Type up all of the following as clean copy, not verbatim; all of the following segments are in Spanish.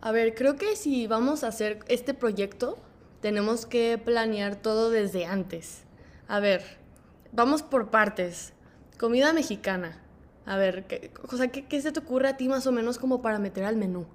A ver, creo que si vamos a hacer este proyecto, tenemos que planear todo desde antes. A ver, vamos por partes. Comida mexicana. A ver, o sea, ¿qué se te ocurre a ti más o menos como para meter al menú?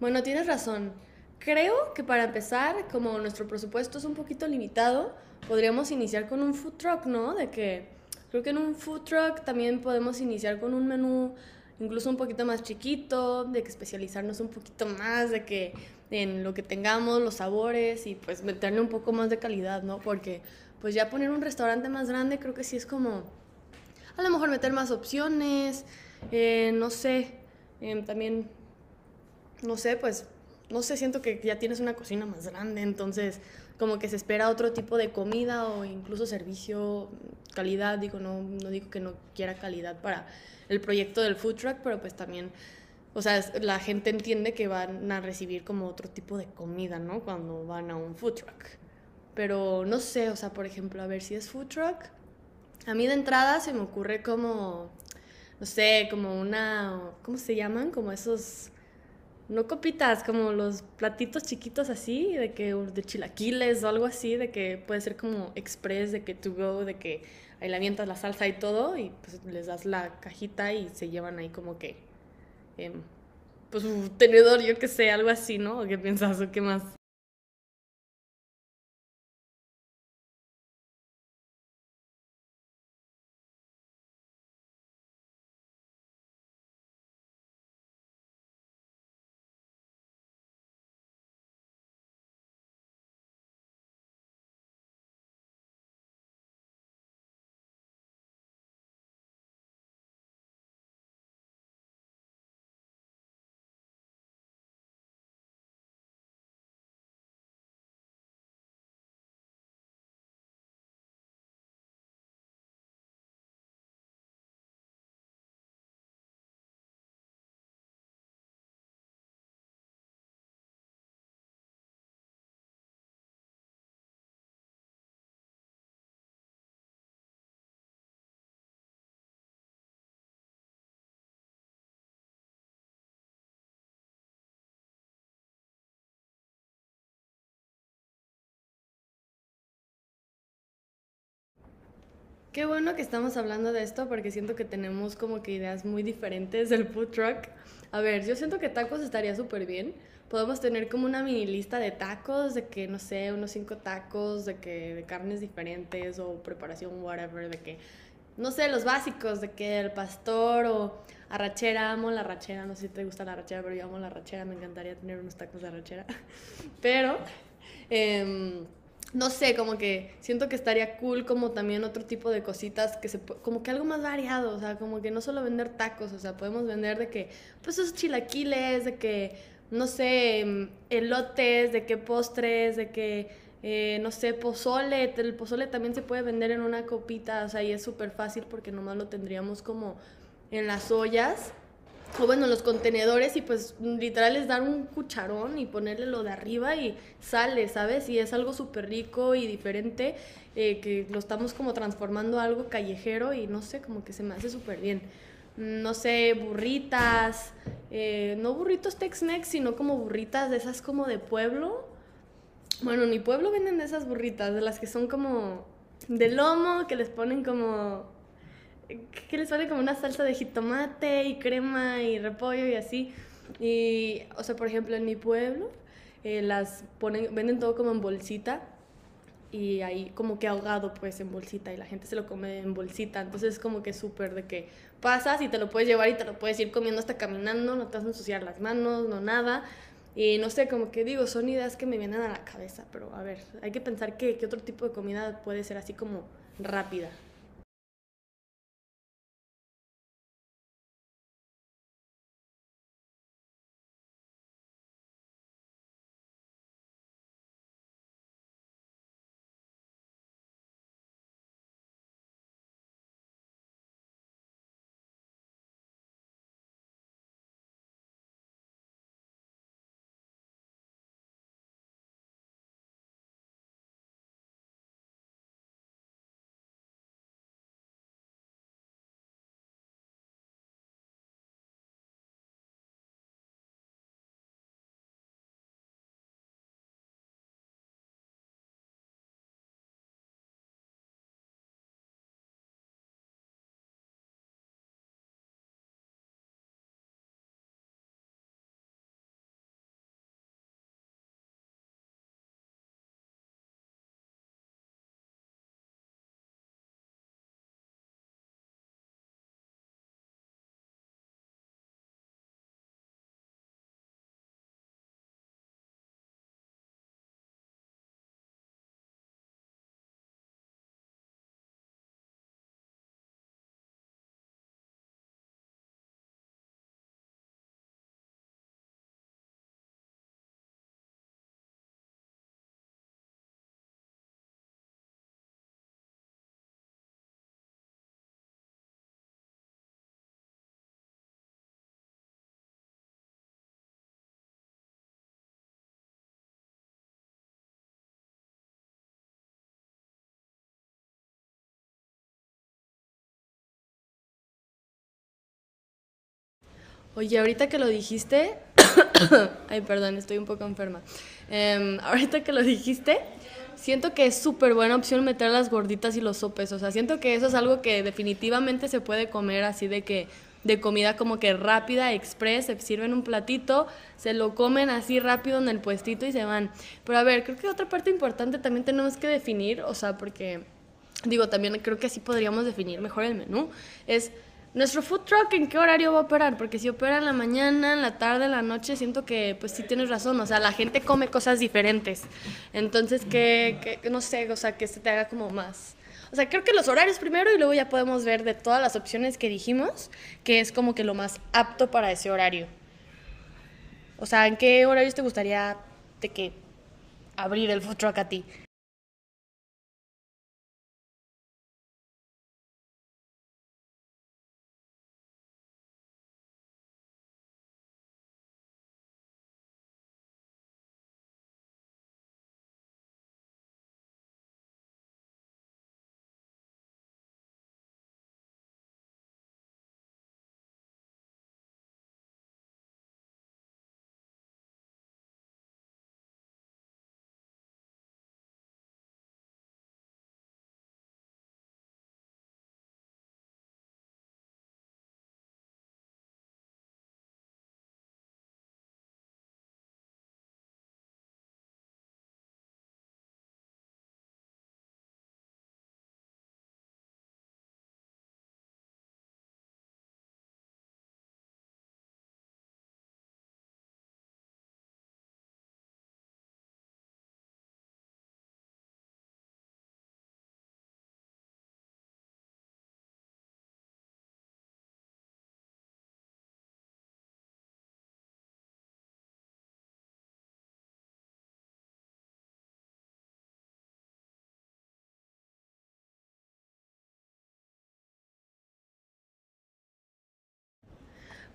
Bueno, tienes razón. Creo que para empezar, como nuestro presupuesto es un poquito limitado, podríamos iniciar con un food truck, ¿no? De que creo que en un food truck también podemos iniciar con un menú incluso un poquito más chiquito, de que especializarnos un poquito más, de que en lo que tengamos, los sabores y pues meterle un poco más de calidad, ¿no? Porque pues ya poner un restaurante más grande creo que sí es como a lo mejor meter más opciones, no sé, también no sé, pues, no sé, siento que ya tienes una cocina más grande, entonces como que se espera otro tipo de comida o incluso servicio, calidad, digo, no, no digo que no quiera calidad para el proyecto del food truck, pero pues también, o sea, la gente entiende que van a recibir como otro tipo de comida, ¿no? Cuando van a un food truck. Pero no sé, o sea, por ejemplo, a ver si es food truck. A mí de entrada se me ocurre como, no sé, como una, ¿cómo se llaman? Como esos no copitas, como los platitos chiquitos así, de que de chilaquiles o algo así, de que puede ser como express, de que to go, de que ahí le avientas la salsa y todo, y pues les das la cajita y se llevan ahí como que, em, pues un tenedor, yo que sé, algo así, ¿no? ¿Qué piensas o qué más? Qué bueno que estamos hablando de esto porque siento que tenemos como que ideas muy diferentes del food truck. A ver, yo siento que tacos estaría súper bien. Podemos tener como una mini lista de tacos, de que, no sé, unos cinco tacos, de que de carnes diferentes o preparación, whatever, de que, no sé, los básicos, de que el pastor o arrachera, amo la arrachera, no sé si te gusta la arrachera, pero yo amo la arrachera, me encantaría tener unos tacos de arrachera. Pero eh, no sé, como que siento que estaría cool como también otro tipo de cositas que se como que algo más variado, o sea, como que no solo vender tacos, o sea, podemos vender de que pues esos chilaquiles, de que no sé, elotes, de que postres, de que no sé, pozole, el pozole también se puede vender en una copita, o sea, y es súper fácil porque nomás lo tendríamos como en las ollas o bueno, los contenedores y pues literal es dar un cucharón y ponerle lo de arriba y sale, ¿sabes? Y es algo súper rico y diferente que lo estamos como transformando a algo callejero y no sé, como que se me hace súper bien. No sé, burritas, no burritos Tex-Mex, sino como burritas de esas como de pueblo. Bueno, en mi pueblo venden de esas burritas, de las que son como de lomo, que les ponen como que les sale como una salsa de jitomate y crema y repollo y así. Y, o sea, por ejemplo, en mi pueblo las ponen, venden todo como en bolsita y ahí como que ahogado pues en bolsita y la gente se lo come en bolsita. Entonces es como que súper de que pasas y te lo puedes llevar y te lo puedes ir comiendo hasta caminando, no te vas a ensuciar las manos, no nada. Y no sé, como que digo, son ideas que me vienen a la cabeza, pero a ver, hay que pensar que otro tipo de comida puede ser así como rápida. Oye, ahorita que lo dijiste, ay, perdón, estoy un poco enferma. Ahorita que lo dijiste, siento que es súper buena opción meter las gorditas y los sopes. O sea, siento que eso es algo que definitivamente se puede comer así de que de comida como que rápida, express, se sirven un platito, se lo comen así rápido en el puestito y se van. Pero a ver, creo que otra parte importante también tenemos que definir, o sea, porque digo, también creo que así podríamos definir mejor el menú, es nuestro food truck en qué horario va a operar, porque si opera en la mañana, en la tarde, en la noche, siento que pues sí tienes razón, o sea, la gente come cosas diferentes, entonces que no sé, o sea, que se te haga como más. O sea, creo que los horarios primero y luego ya podemos ver de todas las opciones que dijimos, que es como que lo más apto para ese horario. O sea, ¿en qué horarios te gustaría de que abrir el food truck a ti?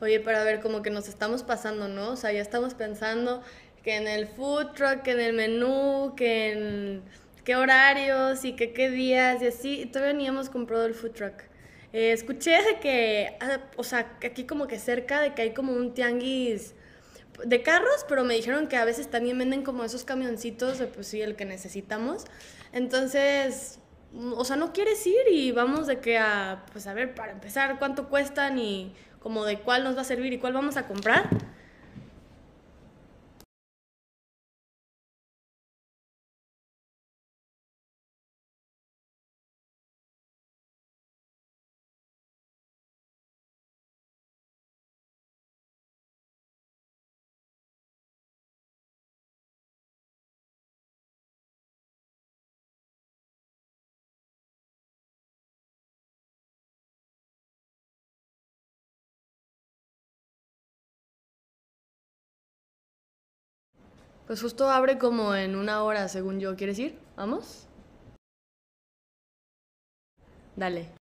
Oye, pero a ver, como que nos estamos pasando, ¿no? O sea, ya estamos pensando que en el food truck, que en el menú, que en qué horarios y que qué días y así, y todavía ni hemos comprado el food truck. Escuché de que, ah, o sea, aquí como que cerca de que hay como un tianguis de carros, pero me dijeron que a veces también venden como esos camioncitos de pues sí, el que necesitamos. Entonces, o sea, no quieres ir y vamos de que a, pues a ver, para empezar, cuánto cuestan y como de cuál nos va a servir y cuál vamos a comprar. Pues justo abre como en una hora, según yo. ¿Quieres ir? ¿Vamos? Dale.